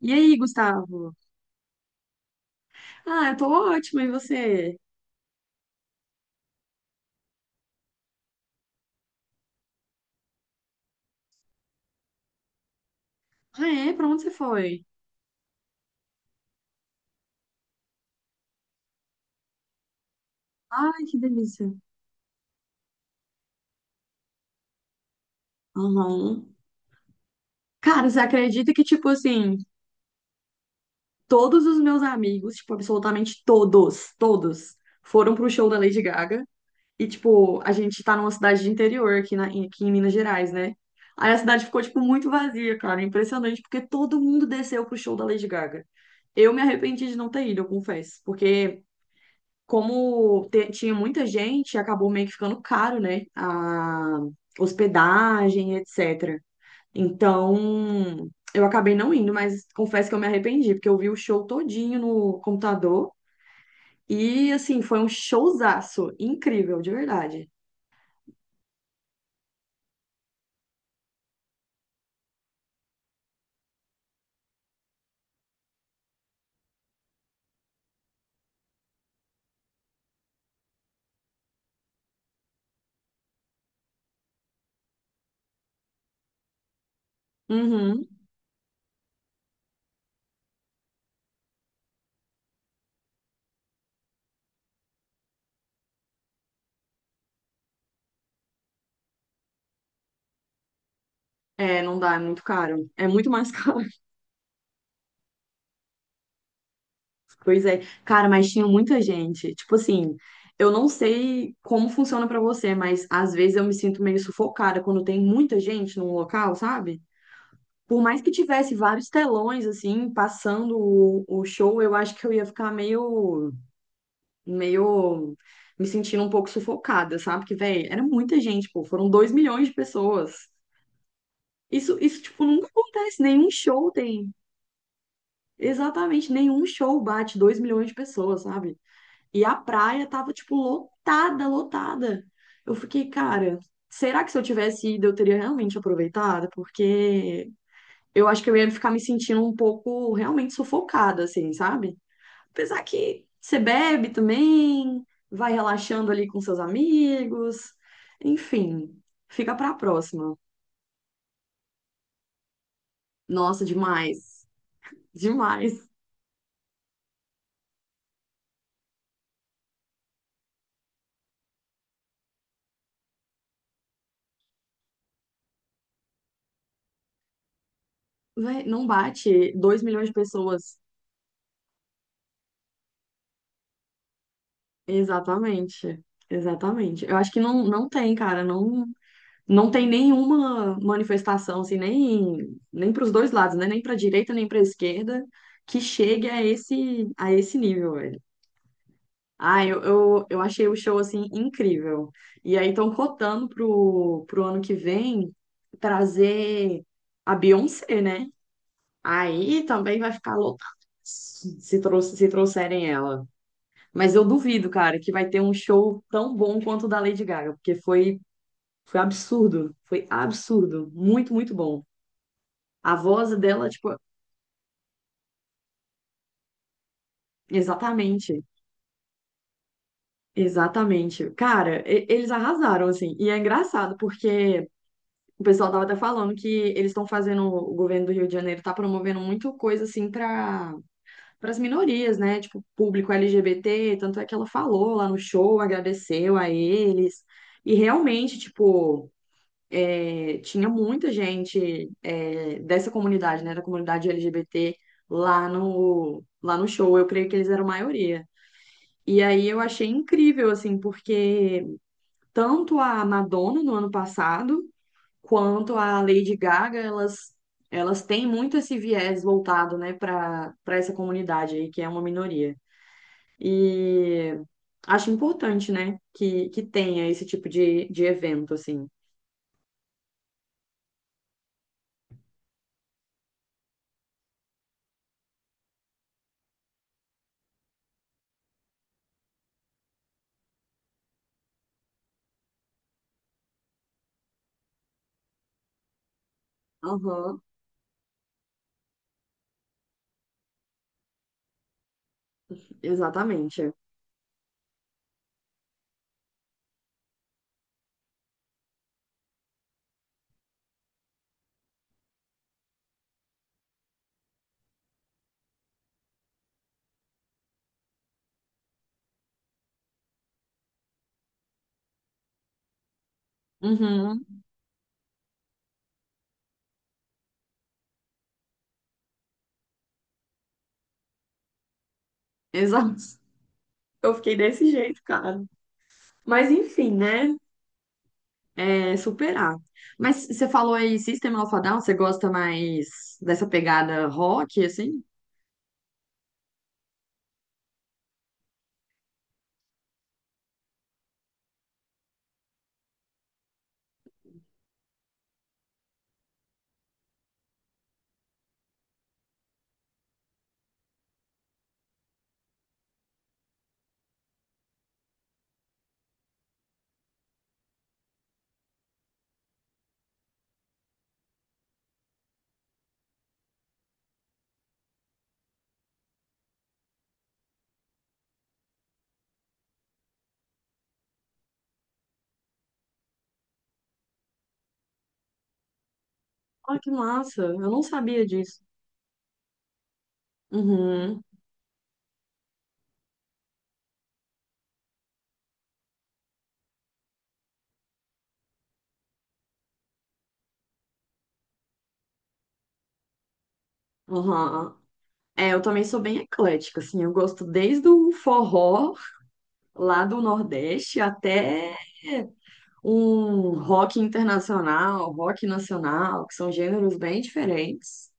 E aí, Gustavo? Ah, eu tô ótima, e você? Ah, é? Pra onde você foi? Ai, que delícia. Aham. Cara, você acredita que, tipo assim, todos os meus amigos, tipo, absolutamente todos, foram pro show da Lady Gaga. E, tipo, a gente tá numa cidade de interior aqui, aqui em Minas Gerais, né? Aí a cidade ficou, tipo, muito vazia, cara. Impressionante, porque todo mundo desceu pro show da Lady Gaga. Eu me arrependi de não ter ido, eu confesso. Porque tinha muita gente, acabou meio que ficando caro, né? A hospedagem, etc. Então, eu acabei não indo, mas confesso que eu me arrependi, porque eu vi o show todinho no computador e, assim, foi um showzaço incrível, de verdade. Uhum. É, não dá, é muito caro. É muito mais caro. Pois é, cara, mas tinha muita gente. Tipo assim, eu não sei como funciona pra você, mas às vezes eu me sinto meio sufocada quando tem muita gente num local, sabe? Por mais que tivesse vários telões assim passando o show, eu acho que eu ia ficar meio me sentindo um pouco sufocada, sabe? Porque, velho, era muita gente, pô, foram 2 milhões de pessoas. Isso tipo nunca acontece, nenhum show tem. Exatamente, nenhum show bate 2 milhões de pessoas, sabe? E a praia tava, tipo, lotada, lotada. Eu fiquei, cara, será que se eu tivesse ido eu teria realmente aproveitado? Porque eu acho que eu ia ficar me sentindo um pouco realmente sufocada, assim, sabe? Apesar que você bebe também, vai relaxando ali com seus amigos, enfim, fica pra próxima. Nossa, demais, demais. Véi, não bate 2 milhões de pessoas. Exatamente. Exatamente. Eu acho que não, não tem, cara. Não, não tem nenhuma manifestação, assim, nem para os dois lados, né? Nem para a direita, nem para a esquerda, que chegue a esse nível, velho. Ah, eu achei o show, assim, incrível. E aí estão cotando pro ano que vem trazer a Beyoncé, né? Aí também vai ficar lotado se trouxerem ela. Mas eu duvido, cara, que vai ter um show tão bom quanto o da Lady Gaga, porque foi absurdo, foi absurdo, muito, muito bom. A voz dela, tipo, exatamente, exatamente. Cara, eles arrasaram, assim, e é engraçado, porque o pessoal tava até falando que eles estão fazendo, o governo do Rio de Janeiro tá promovendo muito coisa, assim, para as minorias, né? Tipo, público LGBT, tanto é que ela falou lá no show, agradeceu a eles, e realmente, tipo. É, tinha muita gente, é, dessa comunidade, né, da comunidade LGBT lá no show. Eu creio que eles eram a maioria. E aí eu achei incrível assim, porque tanto a Madonna no ano passado quanto a Lady Gaga, elas têm muito esse viés voltado, né, para essa comunidade aí que é uma minoria. E acho importante, né, que tenha esse tipo de evento assim. Aham, exatamente. Uhum, exato. Eu fiquei desse jeito, cara. Mas enfim, né? É superar. Mas você falou aí, System of a Down, você gosta mais dessa pegada rock, assim? Ah, que massa. Eu não sabia disso. Uhum, uhum. É, eu também sou bem eclética, assim. Eu gosto desde o forró lá do Nordeste até um rock internacional, rock nacional, que são gêneros bem diferentes.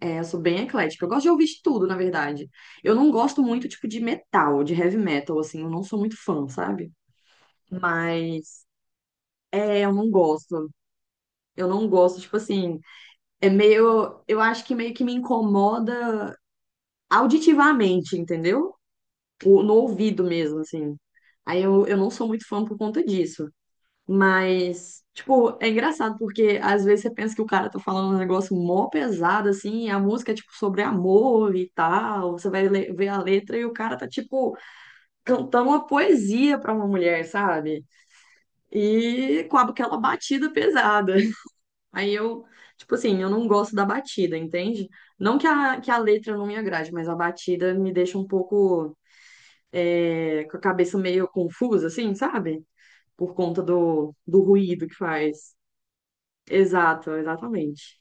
É, eu sou bem eclética. Eu gosto de ouvir de tudo, na verdade. Eu não gosto muito, tipo, de metal, de heavy metal, assim. Eu não sou muito fã, sabe? Mas, é, eu não gosto. Eu não gosto, tipo assim. É meio. Eu acho que meio que me incomoda auditivamente, entendeu? No ouvido mesmo, assim. Aí eu não sou muito fã por conta disso. Mas, tipo, é engraçado porque às vezes você pensa que o cara tá falando um negócio mó pesado, assim, e a música é, tipo, sobre amor e tal. Você vai ver a letra e o cara tá, tipo, cantando uma poesia pra uma mulher, sabe? E com aquela batida pesada. Aí eu, tipo assim, eu não gosto da batida, entende? Não que a letra não me agrade, mas a batida me deixa um pouco, é, com a cabeça meio confusa, assim, sabe? Por conta do ruído que faz. Exato, exatamente.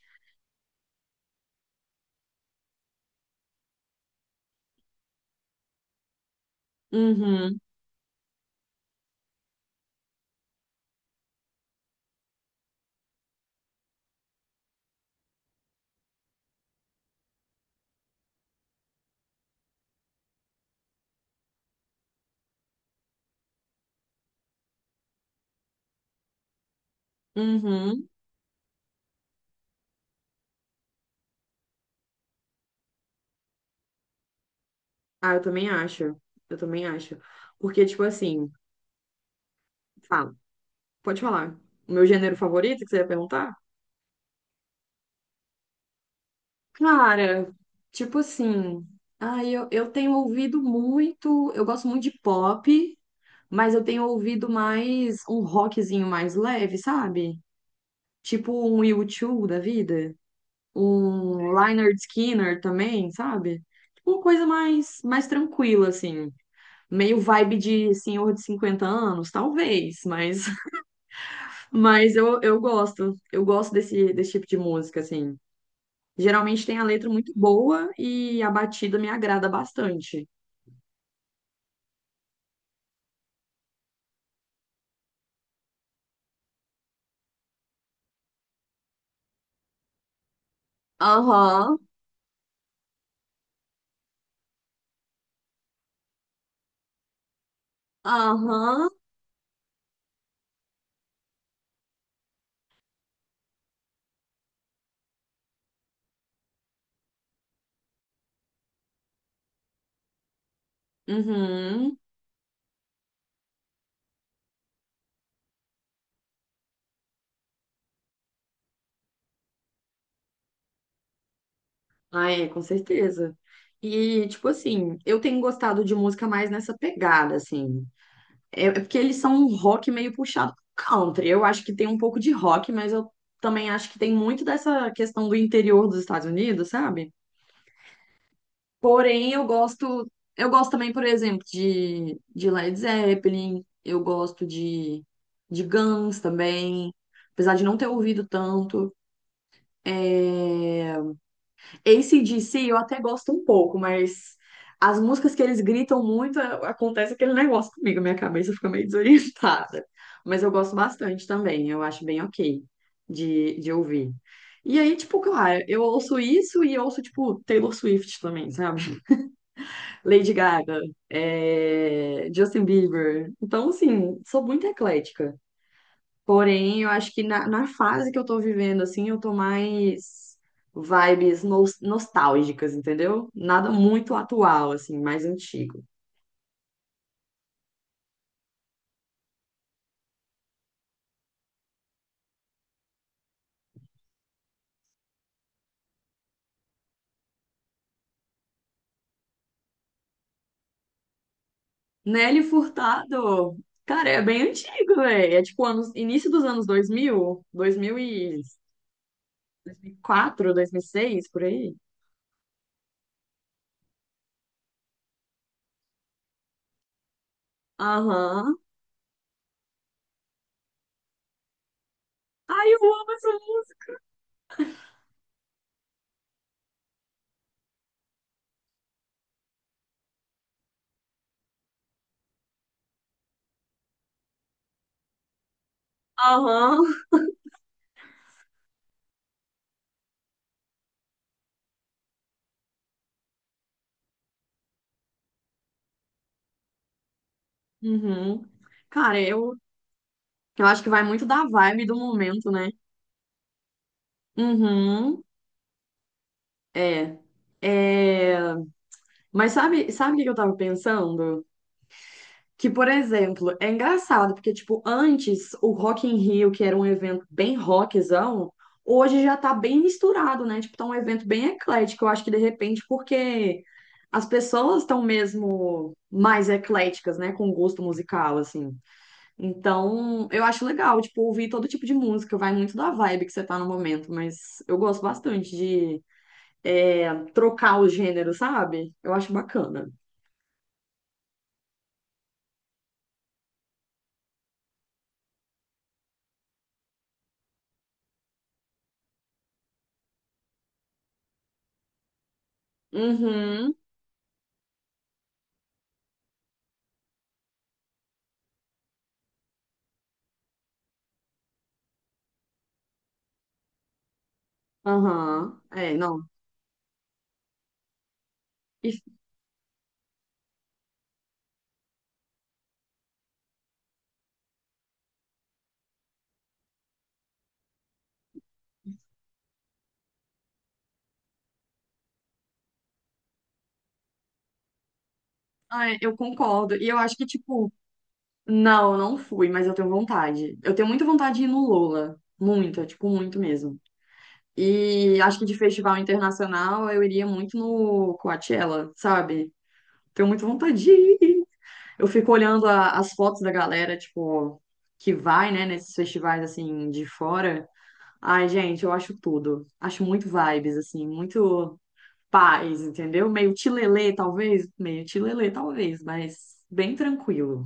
Uhum, uhum. Ah, eu também acho. Eu também acho. Porque, tipo assim, fala, pode falar. O meu gênero favorito que você ia perguntar? Cara, tipo assim, ah, eu tenho ouvido muito, eu gosto muito de pop, mas eu tenho ouvido mais um rockzinho mais leve, sabe? Tipo um U2 da vida, um Leonard Skinner também, sabe? Tipo uma coisa mais tranquila, assim. Meio vibe de senhor de 50 anos, talvez, mas, mas eu gosto. Eu gosto desse tipo de música, assim. Geralmente tem a letra muito boa e a batida me agrada bastante. Aham, aham, uhum. Ah, é, com certeza. E, tipo assim, eu tenho gostado de música mais nessa pegada, assim. É porque eles são um rock meio puxado pro country. Eu acho que tem um pouco de rock, mas eu também acho que tem muito dessa questão do interior dos Estados Unidos, sabe? Porém, eu gosto também, por exemplo, de Led Zeppelin, eu gosto de Guns também, apesar de não ter ouvido tanto. É... AC/DC eu até gosto um pouco, mas as músicas que eles gritam muito, acontece aquele negócio comigo, minha cabeça fica meio desorientada. Mas eu gosto bastante também, eu acho bem ok de ouvir. E aí, tipo, claro, eu ouço isso e ouço, tipo, Taylor Swift também, sabe? Lady Gaga, é, Justin Bieber. Então, assim, sou muito eclética. Porém, eu acho que na fase que eu tô vivendo, assim, eu tô mais vibes nostálgicas, entendeu? Nada muito atual, assim, mais antigo. Nelly Furtado, cara, é bem antigo, velho. É tipo anos, início dos anos 2000, 2004, 2006, por aí. Aham. Ai, eu amo essa. Aham. Uhum. Cara, eu acho que vai muito da vibe do momento, né? Uhum, é. É. Mas sabe o que eu tava pensando? Que, por exemplo, é engraçado, porque, tipo, antes o Rock in Rio, que era um evento bem rockzão, hoje já tá bem misturado, né? Tipo, tá um evento bem eclético. Eu acho que, de repente, porque as pessoas estão mesmo mais ecléticas, né? Com gosto musical, assim. Então, eu acho legal, tipo, ouvir todo tipo de música, vai muito da vibe que você tá no momento, mas eu gosto bastante de trocar o gênero, sabe? Eu acho bacana. Uhum, aham, é, não. Isso- ah, é, eu concordo. E eu acho que, tipo, não, eu não fui, mas eu tenho vontade. Eu tenho muita vontade de ir no Lola. Muita, tipo, muito mesmo. E acho que de festival internacional eu iria muito no Coachella, sabe? Tenho muita vontade de ir. Eu fico olhando as fotos da galera, tipo, que vai, né, nesses festivais, assim, de fora. Ai, gente, eu acho tudo. Acho muito vibes, assim, muito paz, entendeu? Meio tilelê, talvez. Meio tilelê, talvez, mas bem tranquilo.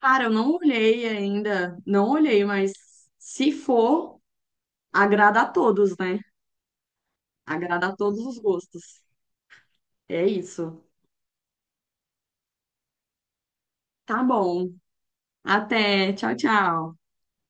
Cara, eu não olhei ainda, não olhei, mas se for, agrada a todos, né? Agrada a todos os gostos. É isso. Tá bom. Até. Tchau, tchau.